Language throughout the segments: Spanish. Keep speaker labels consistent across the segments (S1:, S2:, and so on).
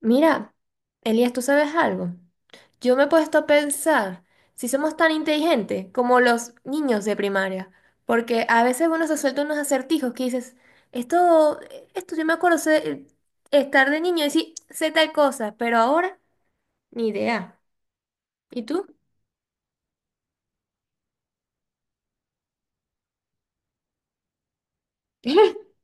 S1: Mira, Elías, ¿tú sabes algo? Yo me he puesto a pensar si somos tan inteligentes como los niños de primaria, porque a veces uno se suelta unos acertijos que dices, esto, esto yo me acuerdo estar de niño y decir, sé tal cosa, pero ahora ni idea. ¿Y tú?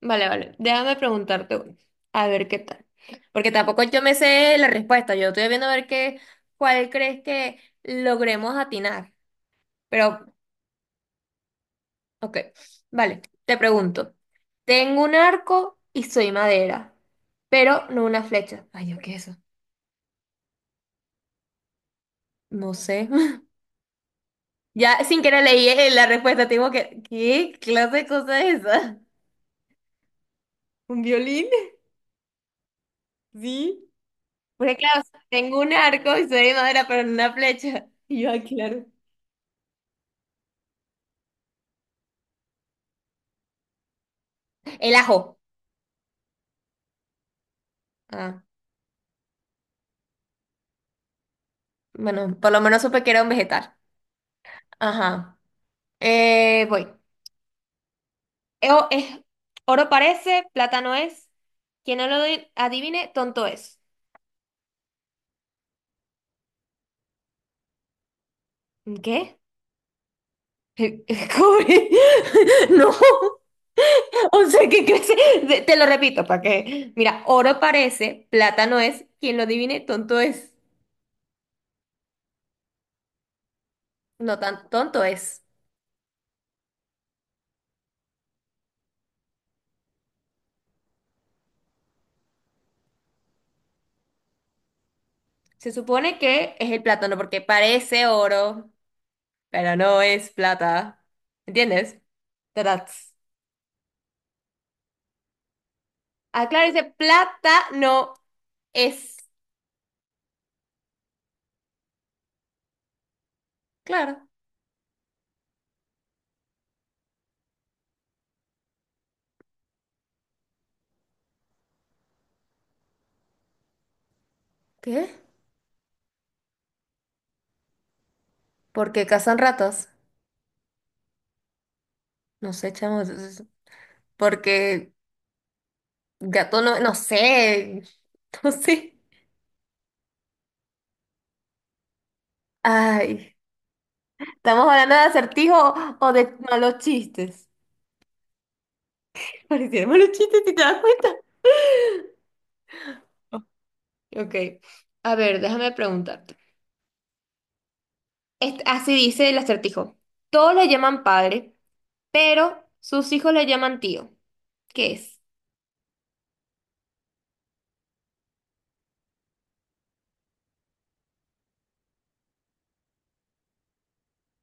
S1: Vale, vale, déjame preguntarte uno, a ver qué tal. Porque tampoco yo me sé la respuesta, yo estoy viendo a ver qué, cuál crees que logremos atinar, pero ok, vale, te pregunto. Tengo un arco y soy madera, pero no una flecha. Ay, Dios, ¿qué es eso? No sé. Ya sin querer leí la respuesta. Tengo que, ¿qué clase de cosa es esa? ¿Un violín? Sí. Porque claro, tengo un arco y soy de madera, pero no una flecha. Y yo, "Ay, claro". El ajo. Ah, bueno, por lo menos supe que era un vegetal. Ajá. Voy. Es, oro parece, plata no es. Quien no lo di- adivine, tonto es. ¿Qué? Eh, ¿Cómo? No, o sea, ¿qué crees? Te lo repito para que. Mira, oro parece, plata no es. Quien lo adivine, tonto es. No tan tonto es. Se supone que es el plátano porque parece oro, pero no es plata. ¿Entiendes? Tarats. Ah, claro, dice plata no es. Claro. ¿Qué? Porque cazan ratas. No sé, chamo, porque gato no, no sé, no sé. Ay, ¿estamos hablando de acertijo o de malos chistes? parecieron malos chistes, si te das cuenta. Ok, a ver, déjame preguntarte. Así dice el acertijo. Todos le llaman padre, pero sus hijos le llaman tío. ¿Qué es?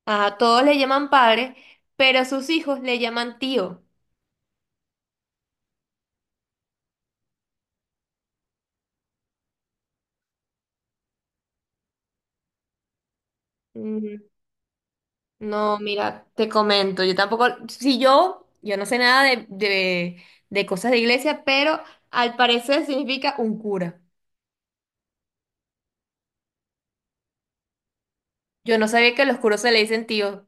S1: A todos le llaman padre, pero sus hijos le llaman tío. Mm, no, mira, te comento, yo tampoco, si yo, no sé nada de, de cosas de iglesia, pero al parecer significa un cura. Yo no sabía que a los curos se le dicen tío.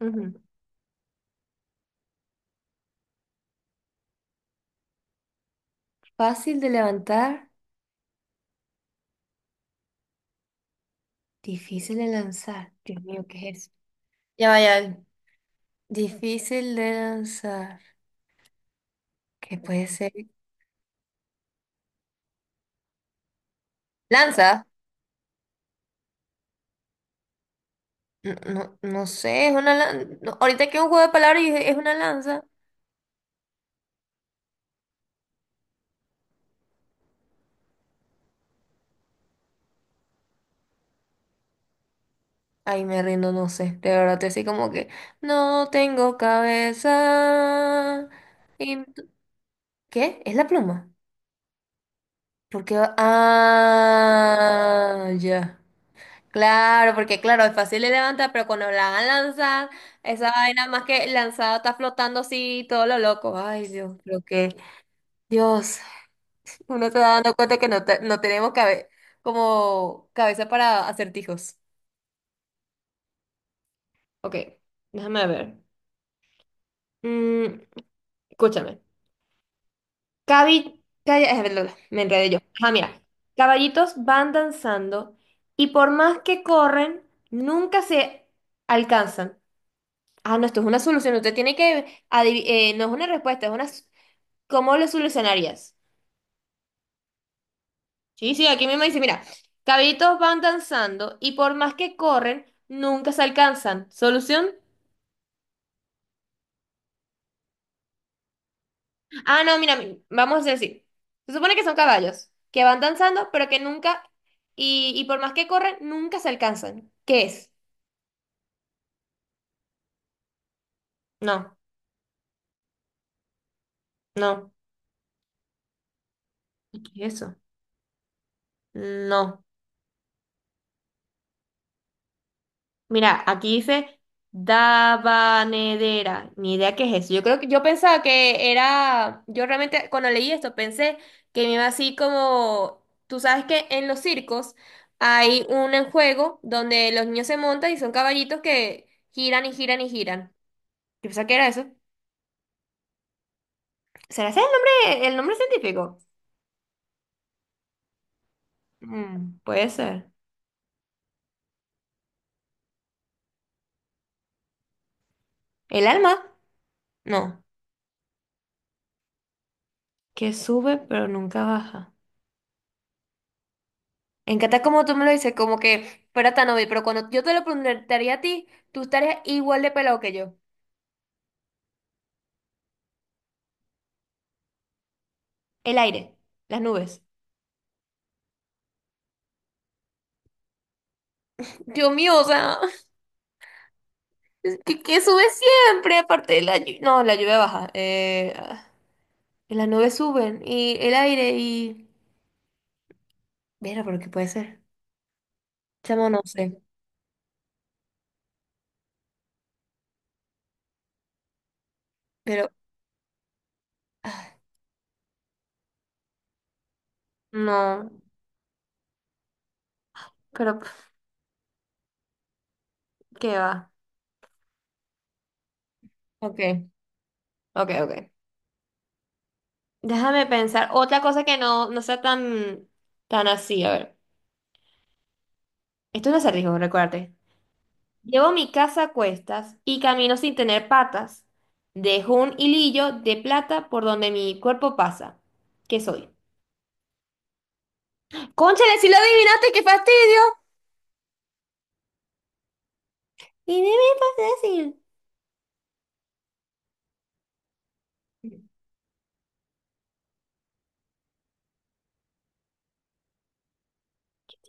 S1: Ujú. Fácil de levantar, difícil de lanzar. Dios mío, ¿qué es eso? Ya vaya, difícil de lanzar. ¿Qué puede ser? ¿Lanza? No, no, no sé, es una lanza. Ahorita que un juego de palabras y dije, es una lanza. Ay, me rindo, no sé. De verdad, te así como que no tengo cabeza. Y- ¿Qué? ¿Es la pluma? Porque ah, ya. Claro, porque claro, es fácil de levantar, pero cuando la van a lanzar, esa vaina más que lanzada está flotando así, todo lo loco. Ay, Dios, lo que Dios, uno se va dando cuenta que no, no tenemos cabe como cabeza para acertijos. Ok, déjame ver. Mm, escúchame. Perdón, me enredé yo. Ah, mira. Caballitos van danzando y por más que corren, nunca se alcanzan. Ah, no, esto es una solución. Usted tiene que no es una respuesta, es una. S- ¿Cómo lo solucionarías? Sí, sí, aquí mismo dice, mira, caballitos van danzando y por más que corren, nunca se alcanzan. ¿Solución? Ah, no, mira, vamos a decir así. Se supone que son caballos que van danzando, pero que nunca, y por más que corren, nunca se alcanzan. ¿Qué es? No, no. ¿Y qué es eso? No. Mira, aquí dice Dabanedera. Ni idea qué es eso. Yo creo que yo pensaba que era. Yo realmente cuando leí esto pensé que me iba así como. Tú sabes que en los circos hay un juego donde los niños se montan y son caballitos que giran y giran y giran. Yo pensaba que era eso. ¿Será ese el nombre científico? Mm, puede ser. ¿El alma? No. Que sube pero nunca baja. Me encanta como tú me lo dices, como que fuera tan obvio, pero cuando yo te lo preguntaría a ti, tú estarías igual de pelado que yo. El aire, las nubes. Dios mío, o sea, es que sube siempre, aparte de la lluvia. No, la lluvia baja. Ah, y las nubes suben, y el aire, y. Mira, pero ¿qué puede ser? Chamo, no sé. Pero ah, no, pero pf, ¿qué va? Ok, ok, ok. Déjame pensar. Otra cosa que no, no sea tan, tan así. A ver. Esto no es un acertijo, recuérdate. Llevo mi casa a cuestas y camino sin tener patas. Dejo un hilillo de plata por donde mi cuerpo pasa. ¿Qué soy? Cónchale, si lo adivinaste, qué fastidio. Y dime fácil.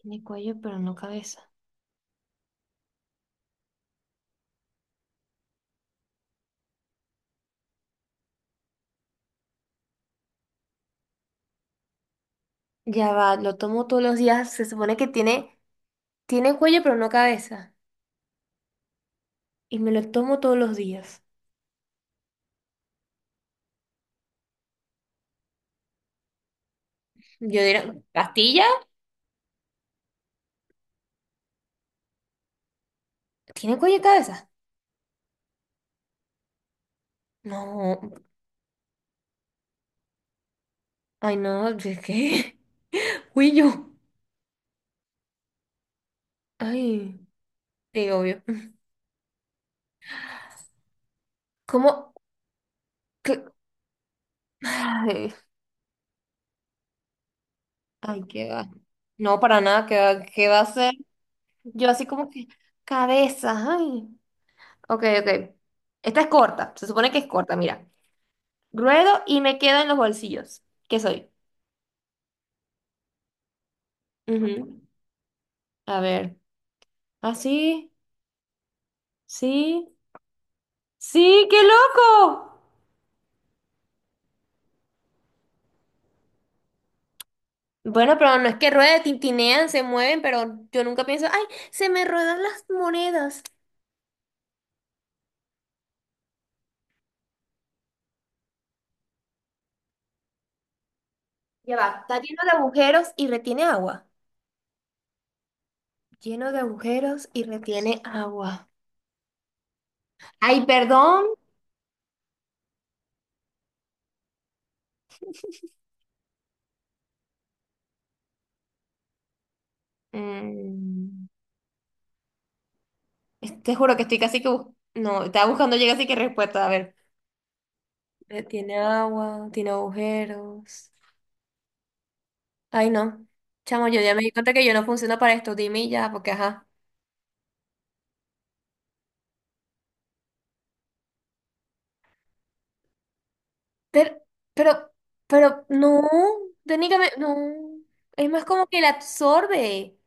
S1: Tiene cuello, pero no cabeza. Ya va, lo tomo todos los días. Se supone que tiene, tiene cuello, pero no cabeza. Y me lo tomo todos los días. Yo diría, ¿pastilla? ¿Tiene cuello y cabeza? No. Ay, no, ¿de qué? Cuello. Ay, sí, obvio. ¿Cómo? Ay, ay, qué va. No, para nada, qué va a ser? Yo así como que, cabeza, ay. Ok, ok. Esta es corta, se supone que es corta, mira. Ruedo y me quedo en los bolsillos. ¿Qué soy? Ujú. A ver. Ah, sí, sí, sí, qué loco. Bueno, pero no es que rueden, tintinean, se mueven, pero yo nunca pienso, ay, se me ruedan las monedas. Ya va, está lleno de agujeros y retiene agua. Lleno de agujeros y retiene agua. Ay, perdón. Mm, te juro que estoy casi que... no, estaba buscando llega así que respuesta. A ver. Tiene agua, tiene agujeros. Ay, no. Chamo, yo ya me di cuenta que yo no funciono para esto. Dime y ya, porque ajá. Pero, pero, pero, no. Técnicamente, no. Es más como que la absorbe.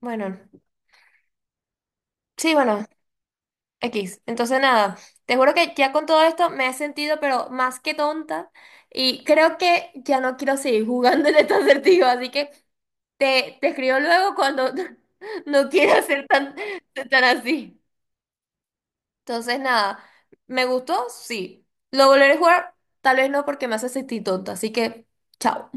S1: Bueno, sí, bueno. X. Entonces, nada, te juro que ya con todo esto me he sentido, pero más que tonta. Y creo que ya no quiero seguir jugando en este acertijo. Así que te escribo luego cuando no quieras ser tan, tan así. Entonces, nada, ¿me gustó? Sí. ¿Lo volveré a jugar? Tal vez no, porque me hace sentir tonta. Así que, chao.